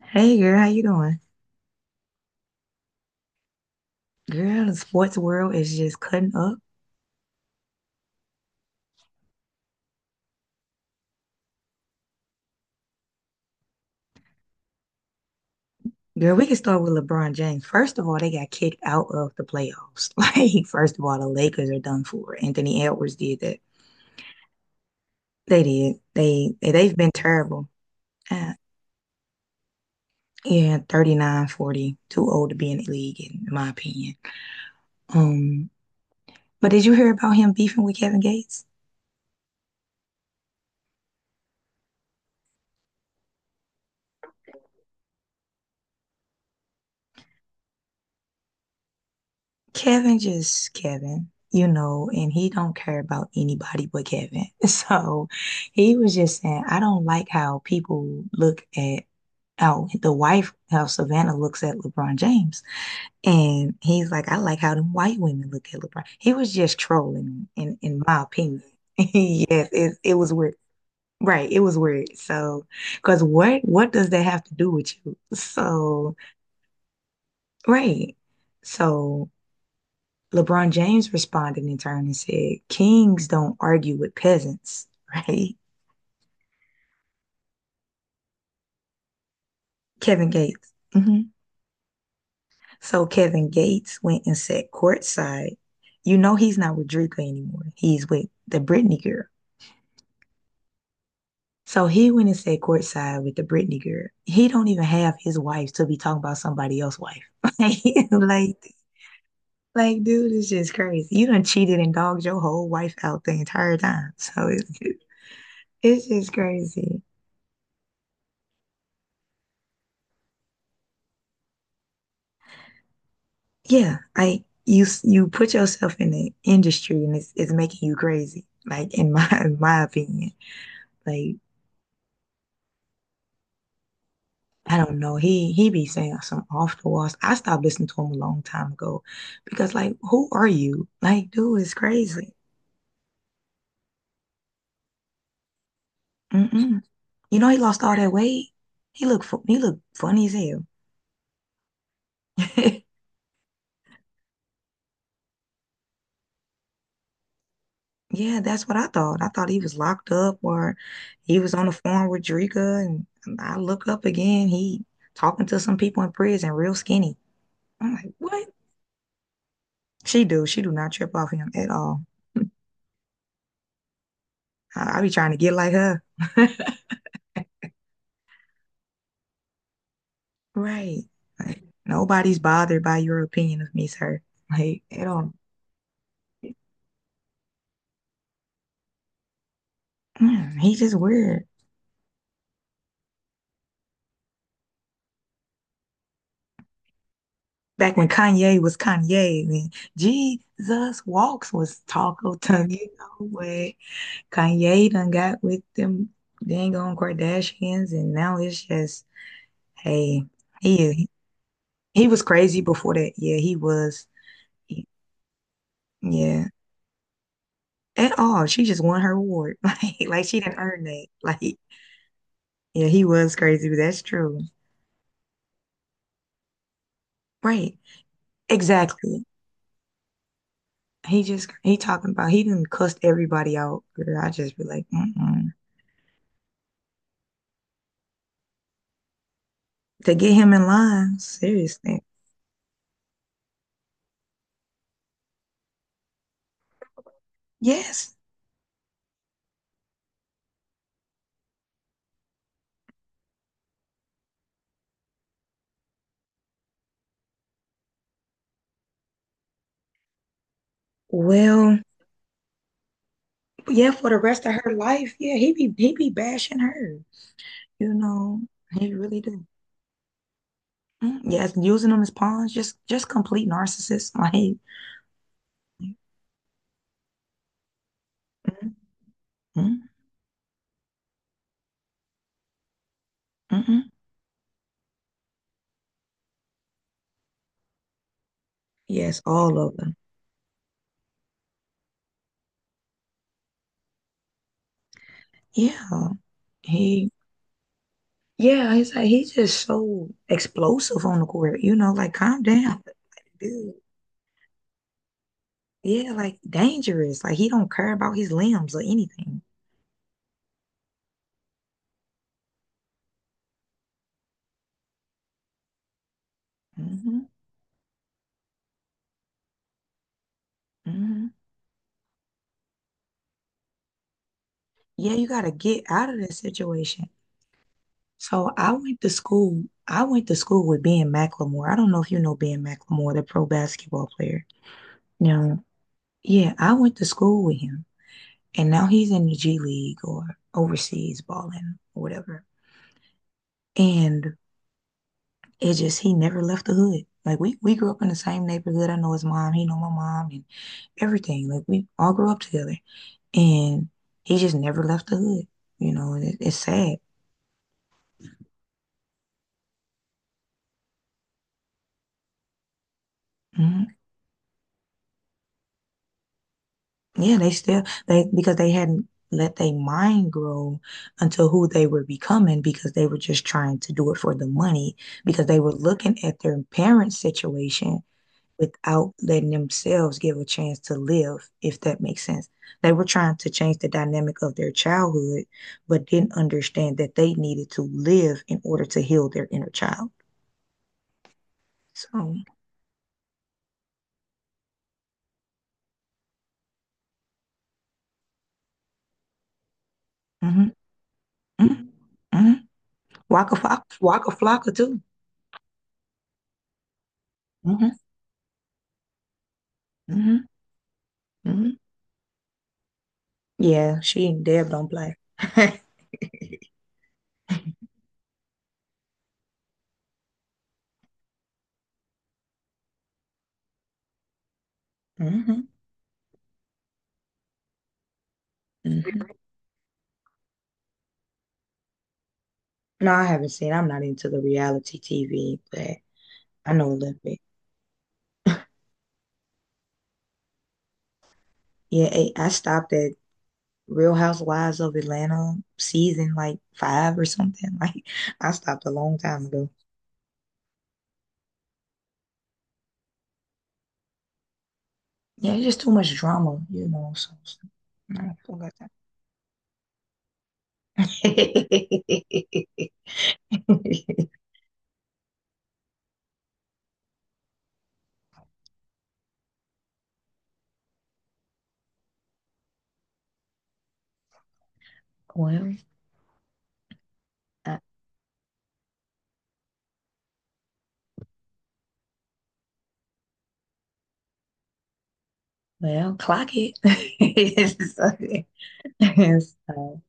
Hey girl, how you doing? Girl, the sports world is just cutting up. Girl, we can start with LeBron James. First of all, they got kicked out of the playoffs. Like, first of all, the Lakers are done for. Anthony Edwards did that. They did. They've been terrible. Uh, yeah, 39, 40. Too old to be in the league, in my opinion. Um, but did you hear about him beefing with Kevin Gates? Kevin just Kevin, you know, and he don't care about anybody but Kevin. So he was just saying, I don't like how people look at how the wife, how Savannah looks at LeBron James. And he's like, I like how them white women look at LeBron. He was just trolling, in my opinion. Yes, it was weird. Right, it was weird. So, because what does that have to do with you? So, right. So LeBron James responded in turn and said, "Kings don't argue with peasants," right? Kevin Gates. Hmm. So Kevin Gates went and sat courtside. You know he's not with Drika anymore. He's with the Britney girl. So he went and sat courtside with the Britney girl. He don't even have his wife to be talking about somebody else's wife. Like, like, like, dude, it's just crazy. You done cheated and dogged your whole wife out the entire time. So it's just crazy. Yeah, you put yourself in the industry and it's making you crazy. Like in my in my opinion, like I don't know. He be saying some off the walls. I stopped listening to him a long time ago because like who are you? Like dude is crazy. Mm-mm. You know he lost all that weight. He looked he looked funny as hell. Yeah, that's what I thought. I thought he was locked up or he was on the phone with Drika and I look up again. He talking to some people in prison, real skinny. I'm like, what? She do. She do not trip off him at all. I be trying to get like her. Right. Like, nobody's bothered by your opinion of me, sir. Like, at all. Mm, he just weird. Back when Kanye was Kanye, when Jesus Walks was Taco Tongue, you know where Kanye done got with them dang on Kardashians, and now it's just, hey, he he was crazy before that. Yeah, he was. He- Yeah, at all. She just won her award. Like she didn't earn that. Like, yeah, he was crazy, but that's true. Right. Exactly. He talking about he didn't cuss everybody out. Girl, I just be like, mm to get him in line, seriously. Yes. Well, yeah, for the rest of her life, yeah, he be bashing her. You know, he really do. Mm, yes, using them as pawns, just complete narcissists. Like, mm, mm, mm, mm. Yes, all of them. Yeah. He, yeah, he's just so explosive on the court. You know, like calm down, dude. Yeah, like dangerous. Like he don't care about his limbs or anything. Hmm. Hmm. Yeah, you gotta get out of that situation. So I went to school. I went to school with Ben McLemore. I don't know if you know Ben McLemore, the pro basketball player. No. Yeah, I went to school with him, and now he's in the G League or overseas balling or whatever. And it just he never left the hood. Like we grew up in the same neighborhood. I know his mom, he know my mom and everything. Like we all grew up together. And he just never left the hood. You know, and it's sad. Hmm. Yeah, they because they hadn't let their mind grow until who they were becoming because they were just trying to do it for the money because they were looking at their parents' situation without letting themselves give a chance to live, if that makes sense. They were trying to change the dynamic of their childhood, but didn't understand that they needed to live in order to heal their inner child. So, mm-hmm, mm-hmm, mm-hmm. Waka, Flocka, Waka Flocka too. Hmm. Hmm. Hmm. Yeah, she and Deb don't play. Hmm. Hmm. No, I haven't seen. I'm not into the reality TV, but I know a little bit. Yeah, I stopped at Real Housewives of Atlanta season like five or something. Like I stopped a long time ago. Yeah, it's just too much drama, you know. So, so I don't got time. Well, uh, well, clock it. So,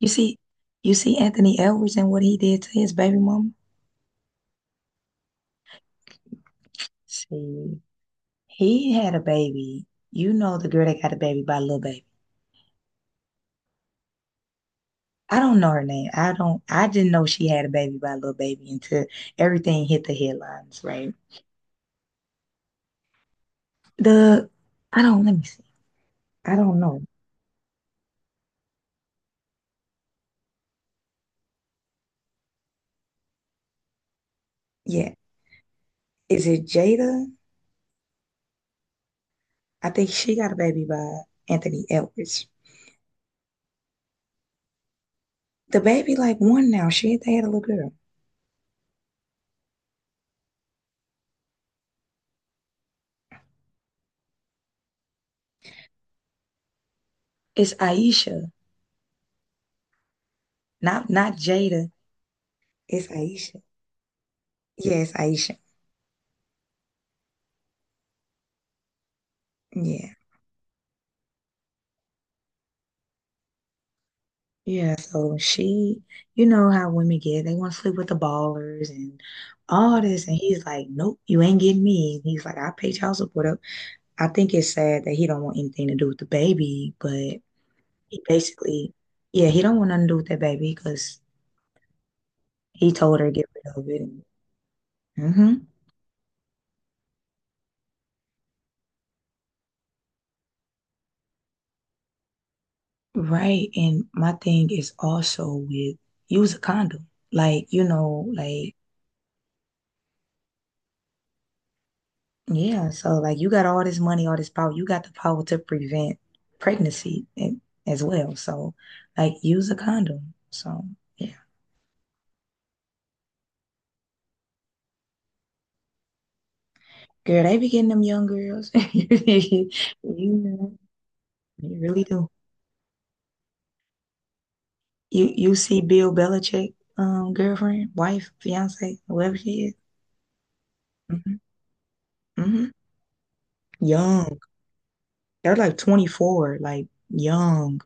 you see, you see Anthony Edwards and what he did to his baby mama. See, he had a baby. You know the girl that got a baby by Lil Baby. I don't know her name. I don't. I didn't know she had a baby by Little Baby until everything hit the headlines. Right. The I don't. Let me see. I don't know. Yeah. Is it Jada? I think she got a baby by Anthony Edwards. The baby like one now. She they had a little girl. It's Aisha. Not Jada. It's Aisha. Yeah, it's Aisha. Yeah. Yeah, so she, you know how women get, they want to sleep with the ballers and all this. And he's like, nope, you ain't getting me. And he's like, I pay child support up. I think it's sad that he don't want anything to do with the baby, but he basically, yeah, he don't want nothing to do with that baby because he told her to get rid of it. And, hmm right. And my thing is also with use a condom. Like, you know, like yeah, so like you got all this money, all this power, you got the power to prevent pregnancy and, as well. So like use a condom. So yeah. Girl, they be getting them young girls. You know, they really do. You see Bill Belichick girlfriend, wife, fiance, whoever she is. Hmm. Hmm. Young. They're like 24, like young.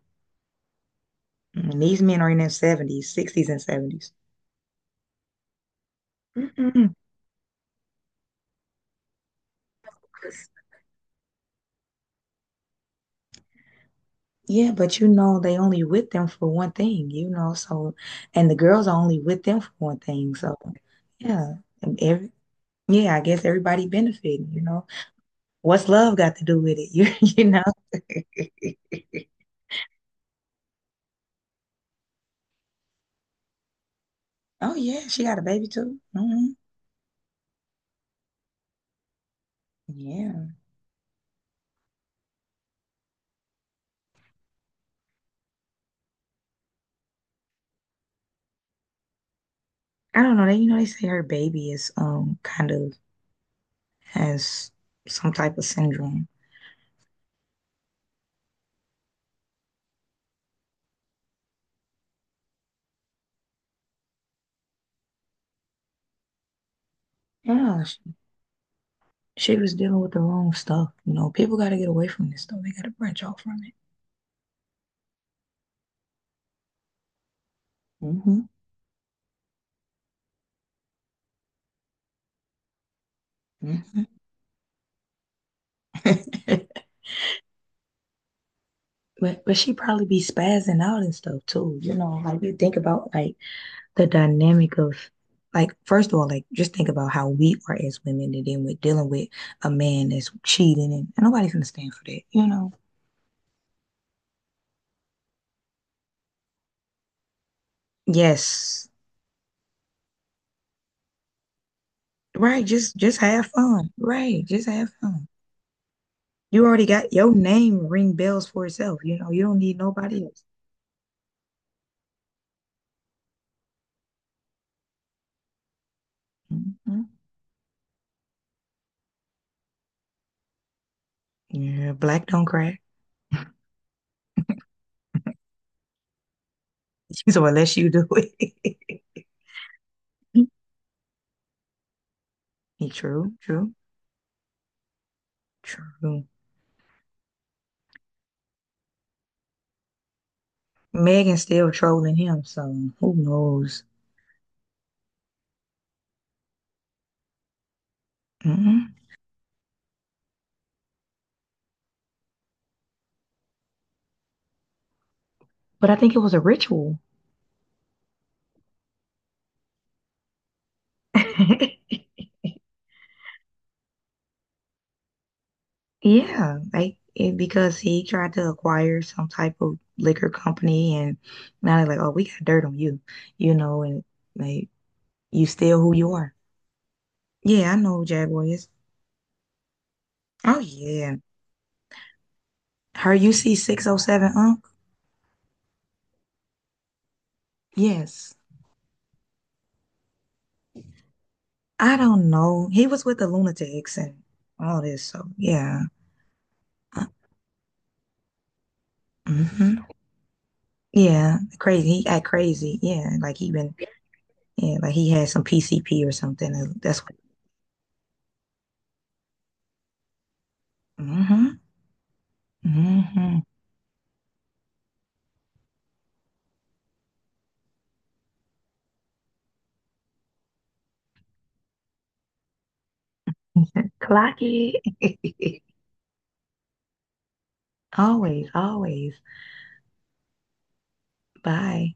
And these men are in their 70s, 60s and 70s. Mm-mm. Yeah, but you know, they only with them for one thing, you know. So, and the girls are only with them for one thing. So, yeah, and every yeah, I guess everybody benefiting, you know. What's love got to do with it? You know. Oh yeah, she got a baby too. Hmm. Yeah, I don't know. They you know they say her baby is kind of has some type of syndrome. Yeah, she was dealing with the wrong stuff. You know, people got to get away from this stuff. They got to branch off from it. Hmm. Hmm. But she probably be spazzing out and stuff too. You know, like you think about like the dynamic of like first of all, like just think about how we are as women and then we're dealing with a man that's cheating and nobody's gonna stand for that, you know. Yes. Right, just have fun. Right, just have fun. You already got your name ring bells for itself, you know, you don't need nobody else. Mhm. Yeah, black don't crack. So unless you do it. True, true, true. Megan's still trolling him, so who knows? Mhm. But I think it was a ritual. Yeah, like it, because he tried to acquire some type of liquor company, and now they're like, "Oh, we got dirt on you," you know, and like you still who you are. Yeah, I know who Jaguar is. Oh yeah, her UC 607 Unc. Yes, I don't know. He was with the Lunatics and all this, so yeah. Uh, mhm. Yeah, crazy. He act crazy. Yeah, like he been, yeah, like he had some PCP or something. And that's what. Mm-hmm. Mm-hmm. Clock it. Always, always. Bye.